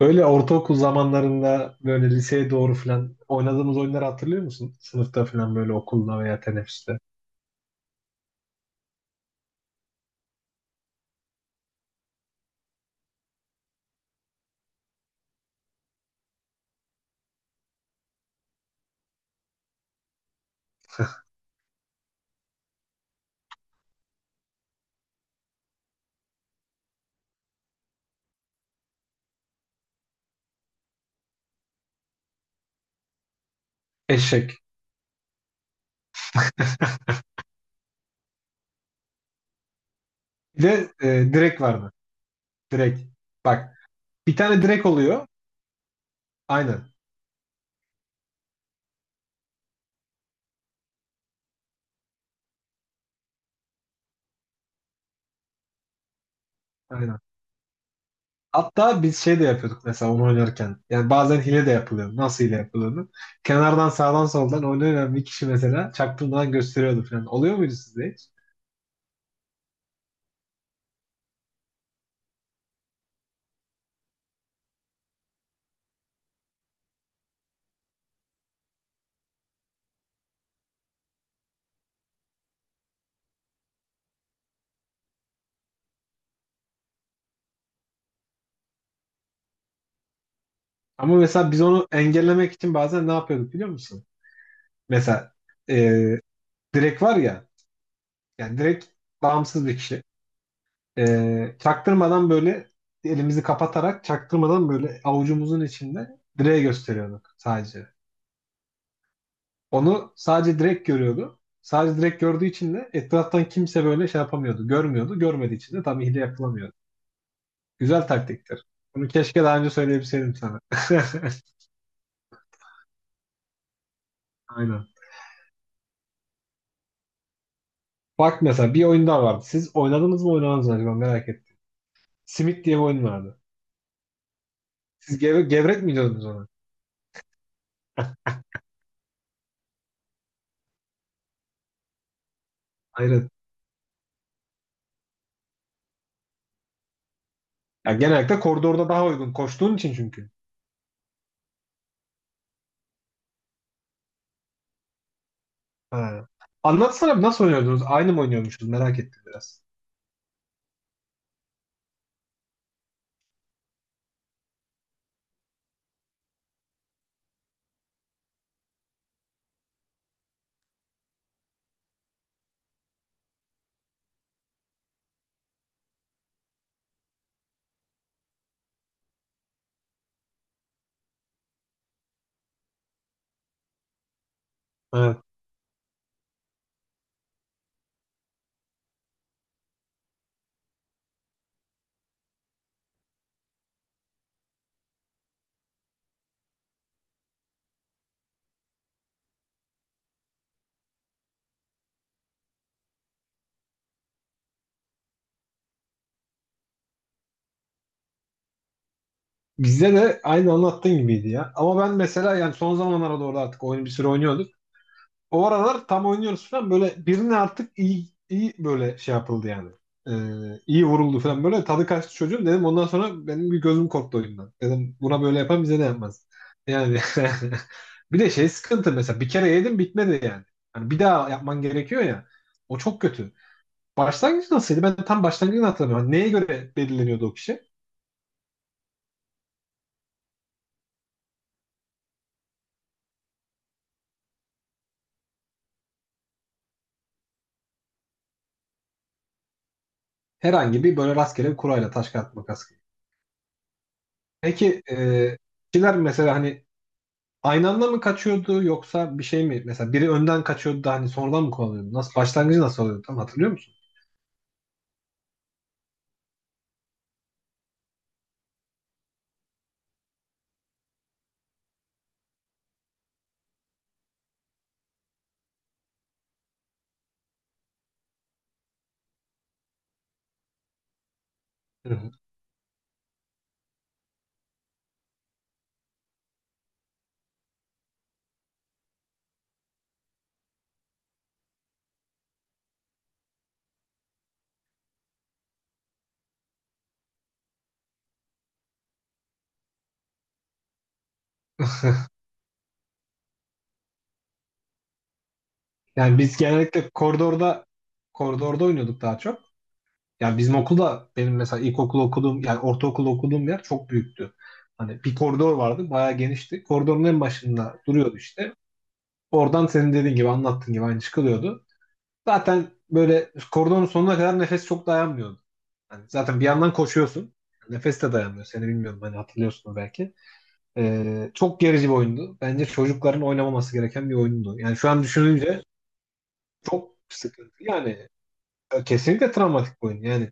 Böyle ortaokul zamanlarında böyle liseye doğru falan oynadığımız oyunları hatırlıyor musun? Sınıfta falan böyle okulda veya teneffüste. Eşek. Bir de direk vardı. Direk. Bak bir tane direk oluyor. Aynen. Aynen. Hatta biz şey de yapıyorduk mesela onu oynarken. Yani bazen hile de yapılıyor. Nasıl hile yapıldığını. Kenardan sağdan soldan oynayan bir kişi mesela çaktırmadan gösteriyordu falan. Oluyor muydu sizde hiç? Ama mesela biz onu engellemek için bazen ne yapıyorduk biliyor musun? Mesela e, direk var ya. Yani direkt bağımsız bir kişi. Çaktırmadan böyle elimizi kapatarak çaktırmadan böyle avucumuzun içinde direğe gösteriyorduk sadece. Onu sadece direkt görüyordu. Sadece direkt gördüğü için de etraftan kimse böyle şey yapamıyordu. Görmüyordu. Görmediği için de tam hile yapılamıyordu. Güzel taktiktir. Bunu keşke daha önce söyleyebilseydim sana. Aynen. Bak mesela bir oyun daha vardı. Siz oynadınız mı acaba merak ettim. Simit diye bir oyun vardı. Siz gevrek mi diyordunuz ona? Hayır. Ya genellikle koridorda daha uygun koştuğun için çünkü. Ha. Anlatsana nasıl oynuyordunuz? Aynı mı oynuyormuşuz? Merak ettim biraz. Evet. Bizde de aynı anlattığın gibiydi ya. Ama ben mesela yani son zamanlara doğru artık oyunu bir süre oynuyordum. O aralar tam oynuyoruz falan böyle birine artık iyi iyi böyle şey yapıldı yani. Ee, iyi vuruldu falan böyle tadı kaçtı çocuğum dedim ondan sonra benim bir gözüm korktu oyundan. Dedim buna böyle yapan bize de yapmaz. Yani bir de şey sıkıntı mesela bir kere yedim bitmedi yani. Hani bir daha yapman gerekiyor ya. O çok kötü. Başlangıç nasılydı? Ben tam başlangıcını hatırlamıyorum. Neye göre belirleniyordu o kişi? Herhangi bir böyle rastgele bir kurayla taş kağıt makas gibi. Peki kişiler mesela hani aynı anda mı kaçıyordu yoksa bir şey mi? Mesela biri önden kaçıyordu da hani sonradan mı kovalıyordu? Nasıl başlangıcı nasıl oluyordu? Tam hatırlıyor musun? Hı hı. Yani biz genellikle koridorda oynuyorduk daha çok. Yani bizim okulda benim mesela ilkokul okuduğum yani ortaokul okuduğum yer çok büyüktü. Hani bir koridor vardı bayağı genişti. Koridorun en başında duruyordu işte. Oradan senin dediğin gibi anlattığın gibi aynı çıkılıyordu. Zaten böyle koridorun sonuna kadar nefes çok dayanmıyordu. Hani zaten bir yandan koşuyorsun. Nefes de dayanmıyor. Seni bilmiyorum hani hatırlıyorsun belki. Çok gerici bir oyundu. Bence çocukların oynamaması gereken bir oyundu. Yani şu an düşününce çok sıkıntı. Yani kesinlikle travmatik bir oyun. Yani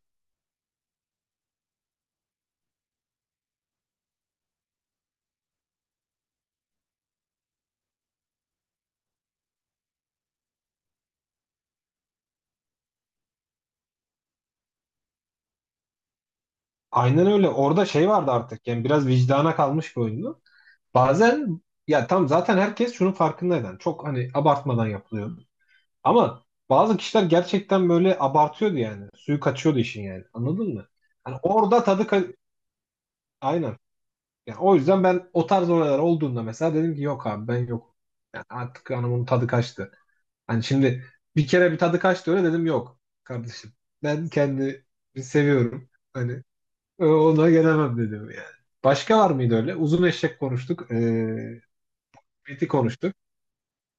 aynen öyle. Orada şey vardı artık. Yani biraz vicdana kalmış bir oyundu. Bazen ya tam zaten herkes şunun farkındaydı. Yani çok hani abartmadan yapılıyor. Ama bazı kişiler gerçekten böyle abartıyordu yani. Suyu kaçıyordu işin yani. Anladın mı? Hani orada aynen. Yani o yüzden ben o tarz olaylar olduğunda mesela dedim ki yok abi ben yok. Yani artık hanımın tadı kaçtı. Hani şimdi bir kere bir tadı kaçtı öyle dedim yok kardeşim. Ben kendimi seviyorum. Hani ona gelemem dedim yani. Başka var mıydı öyle? Uzun eşek konuştuk. Meti konuştuk.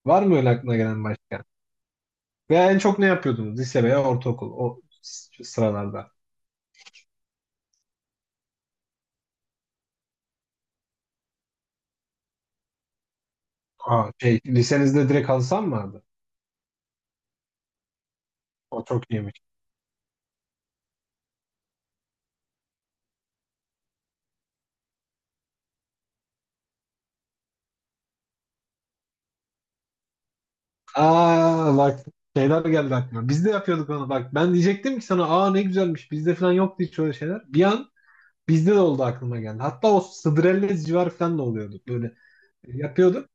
Var mı öyle aklına gelen başka? Ve en çok ne yapıyordunuz? Lise veya ortaokul o sıralarda. Aa, şey, lisenizde direkt halı saha mı vardı? O çok iyiymiş. Aa bak şeyler geldi aklıma. Biz de yapıyorduk onu bak. Ben diyecektim ki sana aa ne güzelmiş. Bizde falan yoktu hiç öyle şeyler. Bir an bizde de oldu aklıma geldi. Hatta o Sıdrellez civarı falan da oluyordu. Böyle yapıyorduk.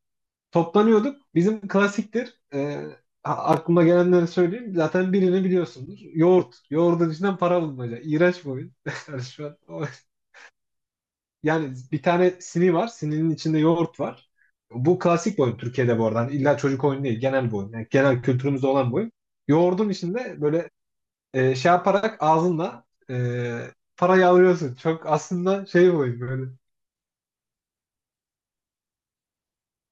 Toplanıyorduk. Bizim klasiktir. Aklıma gelenleri söyleyeyim. Zaten birini biliyorsundur. Yoğurt. Yoğurdun içinden para bulmaca. İğrenç bir oyun. Yani şu an o. Yani bir tane sini var. Sininin içinde yoğurt var. Bu klasik bir oyun Türkiye'de bu arada. Hani İlla çocuk oyunu değil. Genel bir oyun. Yani genel kültürümüzde olan bir oyun. Yoğurdun içinde böyle şey yaparak ağzınla e, parayı alıyorsun. Çok aslında şey bir oyun böyle.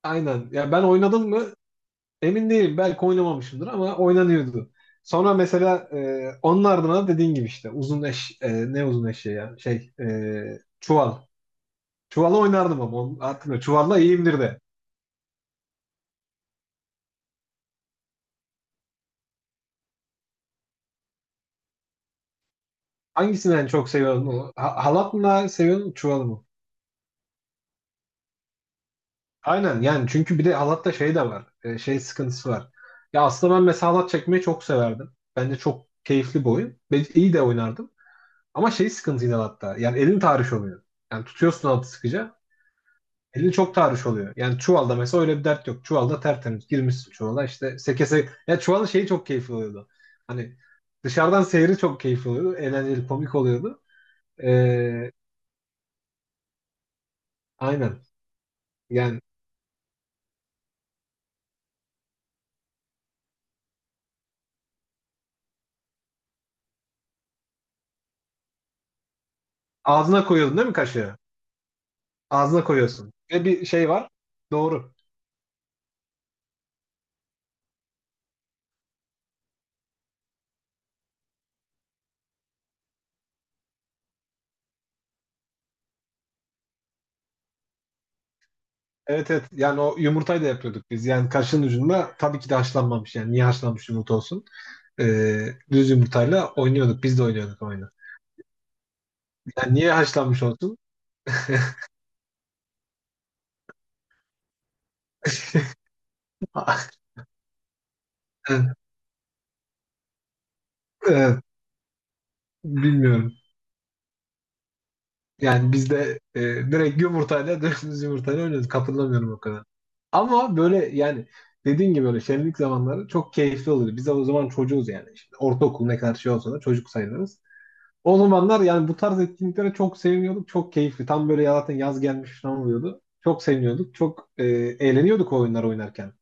Aynen. Ya ben oynadım mı emin değilim. Belki oynamamışımdır ama oynanıyordu. Sonra mesela onun ardına dediğin gibi işte uzun eşeği ya çuval. Çuvalı oynardım ama onun artık çuvalla iyiyimdir de. Hangisini en çok seviyorsun? Halat mı daha seviyorsun, çuval mı? Aynen yani çünkü bir de halatta şey de var. Şey sıkıntısı var. Ya aslında ben mesela halat çekmeyi çok severdim. Bence çok keyifli bir oyun. Ben iyi de oynardım. Ama şey sıkıntı yine halatta. Yani elin tahriş oluyor. Yani tutuyorsun halatı sıkıca. Elin çok tahriş oluyor. Yani çuvalda mesela öyle bir dert yok. Çuvalda tertemiz girmişsin çuvala işte seke seke. Ya çuvalın şeyi çok keyifli oluyordu. Hani dışarıdan seyri çok keyifli oluyordu. Eğlenceli, komik oluyordu. Ee, aynen. Yani ağzına koyuyordun değil mi kaşığı? Ağzına koyuyorsun. Ve bir şey var. Doğru. Evet evet. Yani o yumurtayı da yapıyorduk biz. Yani kaşığın ucunda tabii ki de haşlanmamış. Yani niye haşlanmış yumurta olsun? Düz yumurtayla oynuyorduk. Biz de oynuyorduk oyunu. Yani niye haşlanmış olsun? Evet, evet. Bilmiyorum. Yani biz de direkt yumurtayla düz yumurtayla oynuyorduk. Hatırlamıyorum o kadar. Ama böyle yani dediğin gibi böyle şenlik zamanları çok keyifli oluyor. Biz de o zaman çocuğuz yani. Şimdi ortaokul ne kadar şey olsa da çocuk sayılırız. O zamanlar yani bu tarz etkinliklere çok seviniyorduk. Çok keyifli. Tam böyle ya zaten yaz gelmiş falan oluyordu. Çok seviniyorduk. Çok eğleniyorduk o oyunlar oynarken.